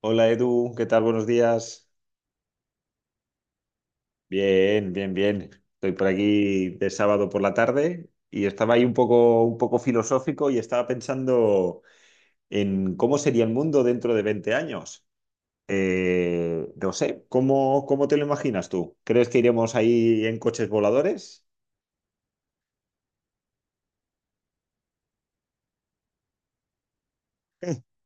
Hola Edu, ¿qué tal? Buenos días. Bien, bien, bien. Estoy por aquí de sábado por la tarde y estaba ahí un poco filosófico y estaba pensando en cómo sería el mundo dentro de 20 años. No sé, ¿cómo te lo imaginas tú? ¿Crees que iremos ahí en coches voladores?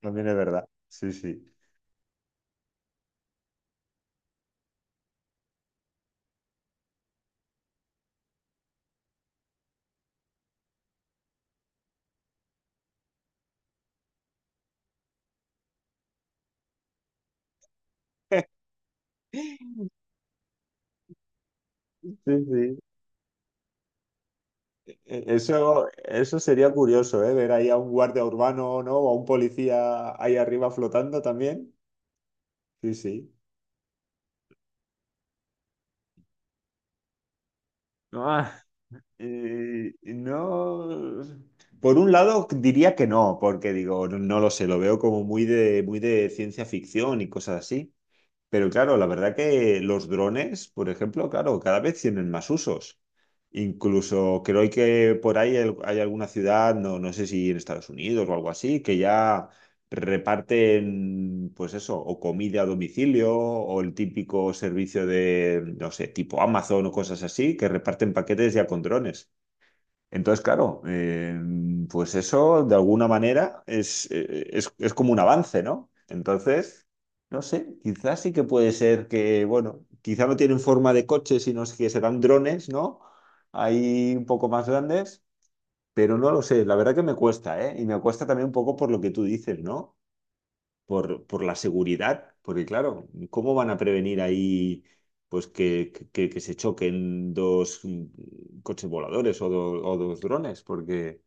También es verdad. Sí, sí. Sí, sí. Eso sería curioso, ¿eh? Ver ahí a un guardia urbano, ¿no? O a un policía ahí arriba flotando también. Sí, sí. Ah, no. Por un lado diría que no, porque digo, no, no lo sé, lo veo como muy de ciencia ficción y cosas así. Pero claro, la verdad que los drones, por ejemplo, claro, cada vez tienen más usos. Incluso creo que por ahí hay alguna ciudad, no, no sé si en Estados Unidos o algo así, que ya reparten, pues eso, o comida a domicilio, o el típico servicio de, no sé, tipo Amazon o cosas así, que reparten paquetes ya con drones. Entonces, claro, pues eso de alguna manera es como un avance, ¿no? Entonces, no sé, quizás sí que puede ser que, bueno, quizá no tienen forma de coche, sino es que serán drones, ¿no? Ahí un poco más grandes, pero no lo sé, la verdad que me cuesta, ¿eh? Y me cuesta también un poco por lo que tú dices, ¿no? Por la seguridad, porque claro, ¿cómo van a prevenir ahí pues que se choquen dos coches voladores o dos drones? Porque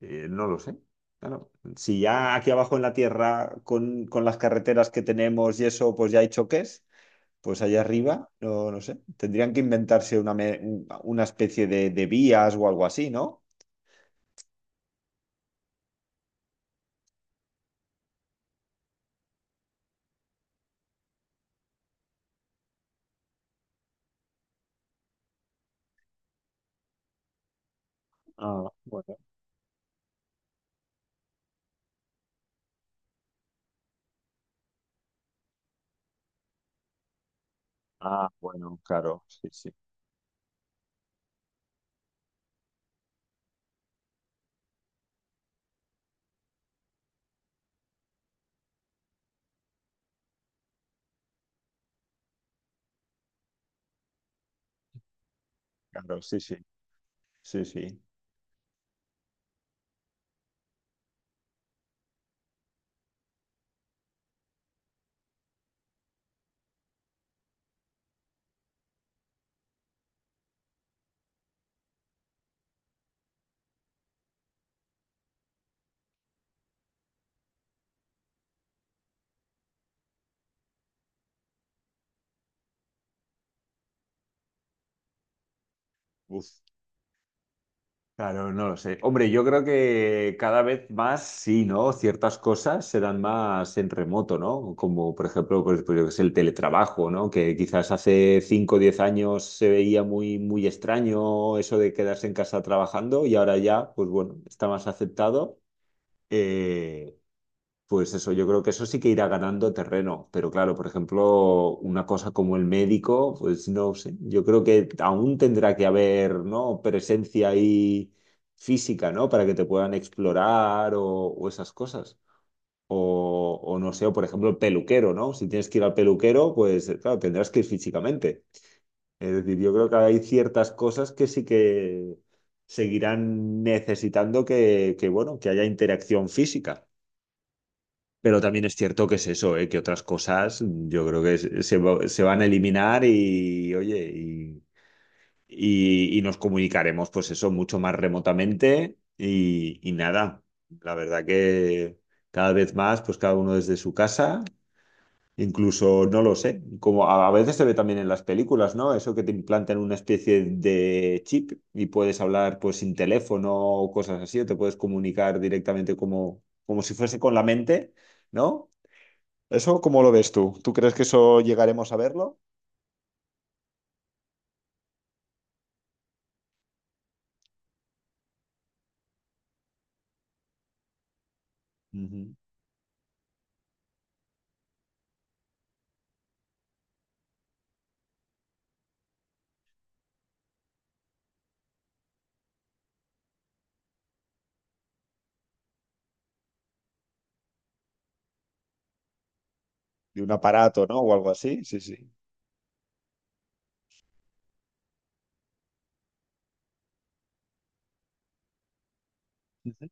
no lo sé. Claro, si ya aquí abajo en la Tierra, con las carreteras que tenemos y eso, pues ya hay choques, pues allá arriba, no, no sé, tendrían que inventarse una especie de vías o algo así, ¿no? Ah, bueno. Ah, bueno, claro, sí, sí, claro, sí, sí, sí, sí. Uf. Claro, no lo sé. Hombre, yo creo que cada vez más sí, ¿no? Ciertas cosas se dan más en remoto, ¿no? Como por ejemplo, pues yo qué sé, el teletrabajo, ¿no? Que quizás hace 5 o 10 años se veía muy, muy extraño eso de quedarse en casa trabajando y ahora ya, pues bueno, está más aceptado. Eh, pues eso, yo creo que eso sí que irá ganando terreno, pero claro, por ejemplo, una cosa como el médico, pues no sé, yo creo que aún tendrá que haber, ¿no? Presencia ahí física, ¿no? Para que te puedan explorar o esas cosas. O no sé, o por ejemplo, el peluquero, ¿no? Si tienes que ir al peluquero, pues claro, tendrás que ir físicamente. Es decir, yo creo que hay ciertas cosas que sí que seguirán necesitando que bueno, que haya interacción física. Pero también es cierto que es eso, ¿eh? Que otras cosas yo creo que se van a eliminar y, oye, y nos comunicaremos, pues eso, mucho más remotamente y nada, la verdad que cada vez más, pues cada uno desde su casa, incluso, no lo sé, como a veces se ve también en las películas, ¿no? Eso que te implantan una especie de chip y puedes hablar pues sin teléfono o cosas así, o te puedes comunicar directamente como si fuese con la mente, ¿no? ¿Eso cómo lo ves tú? ¿Tú crees que eso llegaremos a verlo? Ujú. De un aparato, ¿no? O algo así. Sí, sí. Ujú.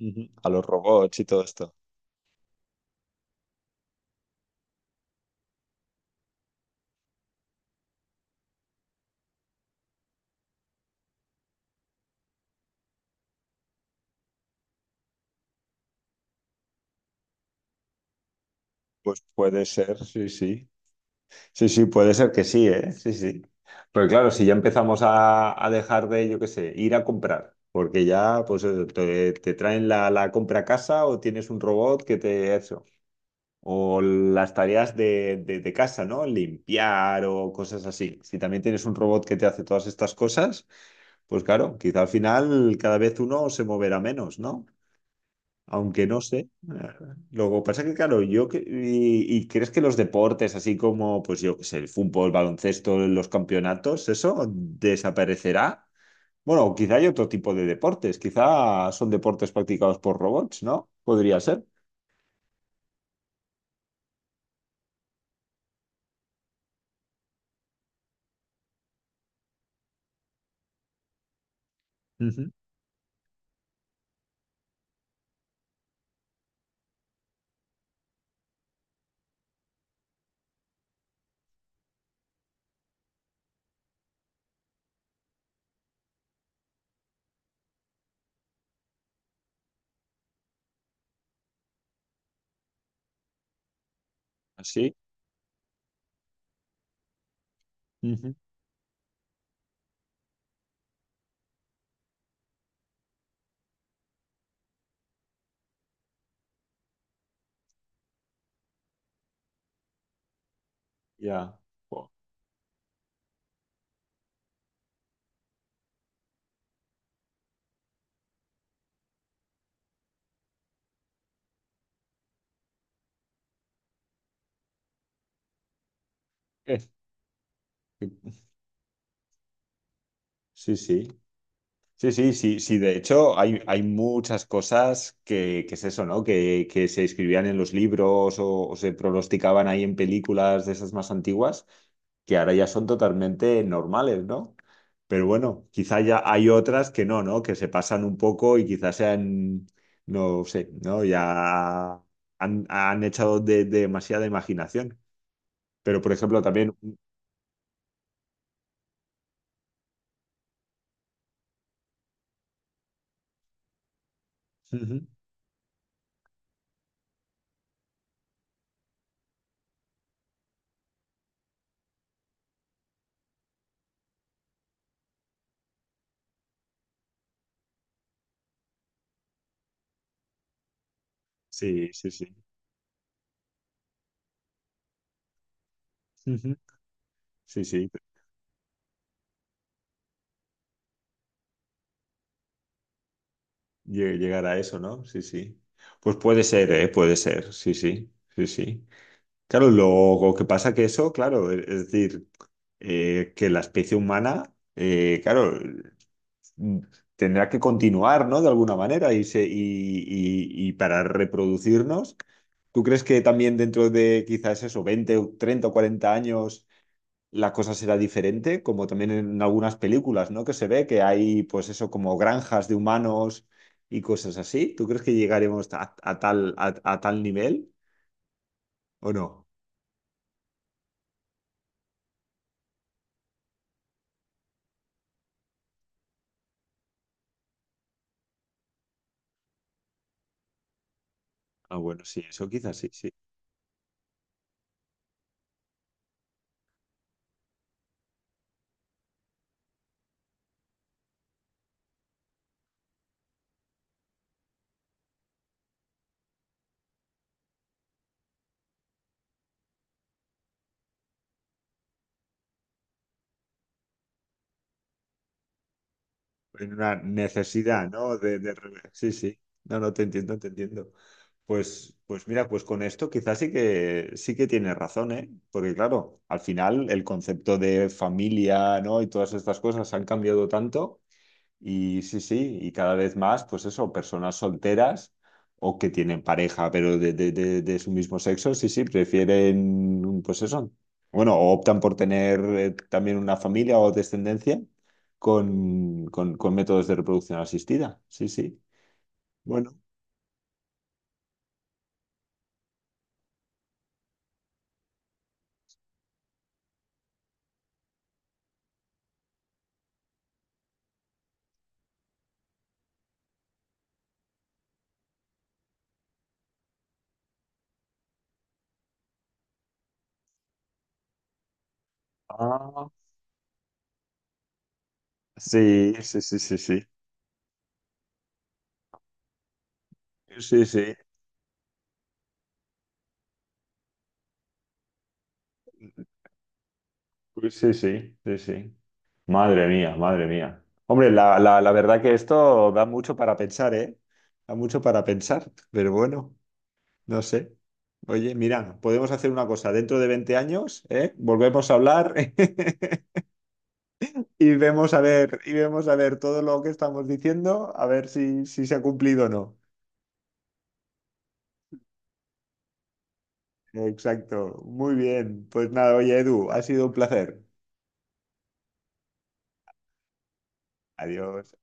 Ujú. A los robots y todo esto. Pues puede ser, sí, sí. Sí, sí, puede ser que sí, ¿eh? Sí, sí. Pero claro, si ya empezamos a dejar de, yo qué sé, ir a comprar, porque ya pues te traen la compra a casa o tienes un robot que te eso. O las tareas de casa, ¿no? Limpiar o cosas así. Si también tienes un robot que te hace todas estas cosas. Pues claro, quizá al final cada vez uno se moverá menos, ¿no? Aunque no sé. Luego pasa que, claro, y crees que los deportes, así como, pues yo qué sé, el fútbol, el baloncesto, los campeonatos, ¿eso desaparecerá? Bueno, quizá hay otro tipo de deportes, quizá son deportes practicados por robots, ¿no? Podría ser. Ujú. Así. Ujú. Ya. Jo, eh, Sí, sí. Sí, sí, sí, sí. De hecho, hay muchas cosas que es eso, ¿no? Que se escribían en los libros o se pronosticaban ahí en películas de esas más antiguas, que ahora ya son totalmente normales, ¿no? Pero bueno, quizá ya hay otras que no, ¿no? Que se pasan un poco y quizás sean, no sé, ¿no? Ya han echado de demasiada imaginación. Pero, por ejemplo, también... Ujú. Sí, sí, sí. Ujú. Sí, sí. Llegar a eso, ¿no? Sí, sí. Pues puede ser, ¿eh? Puede ser, sí, sí, sí, sí. Claro, lo que pasa que eso, claro, es decir, que la especie humana, claro, mm, tendrá que continuar, ¿no? De alguna manera y, y para reproducirnos, ¿tú crees que también dentro de quizás eso, 20 o 30 o 40 años la cosa será diferente, como también en algunas películas, ¿no? Que se ve que hay, pues eso, como granjas de humanos y cosas así. ¿Tú crees que llegaremos a tal nivel o no? Ah, bueno, sí, eso quizás sí, sí. En una necesidad, ¿no? Sí, sí. No, no, te entiendo, te entiendo. Pues mira, pues con esto quizás sí que tienes razón, ¿eh? Porque claro, al final el concepto de familia, ¿no? Y todas estas cosas han cambiado tanto. Y sí, sí, y cada vez más, pues eso, personas solteras o que tienen pareja, pero de su mismo sexo, sí, sí, prefieren, pues eso, bueno, o optan por tener también una familia o descendencia con métodos de reproducción asistida, sí, sí. Bueno, ah, sí, sí, sí, sí, sí, sí, sí, pues sí, sí, sí, sí. Madre mía, madre mía. Hombre, la verdad que esto da mucho para pensar, ¿eh? Da mucho para pensar, pero bueno, no sé. Oye, mira, podemos hacer una cosa. Dentro de 20 años, ¿eh? Volvemos a hablar y vemos a ver, y vemos a ver todo lo que estamos diciendo, a ver si se ha cumplido o no. Exacto. Muy bien. Pues nada, oye, Edu, ha sido un placer. Adiós.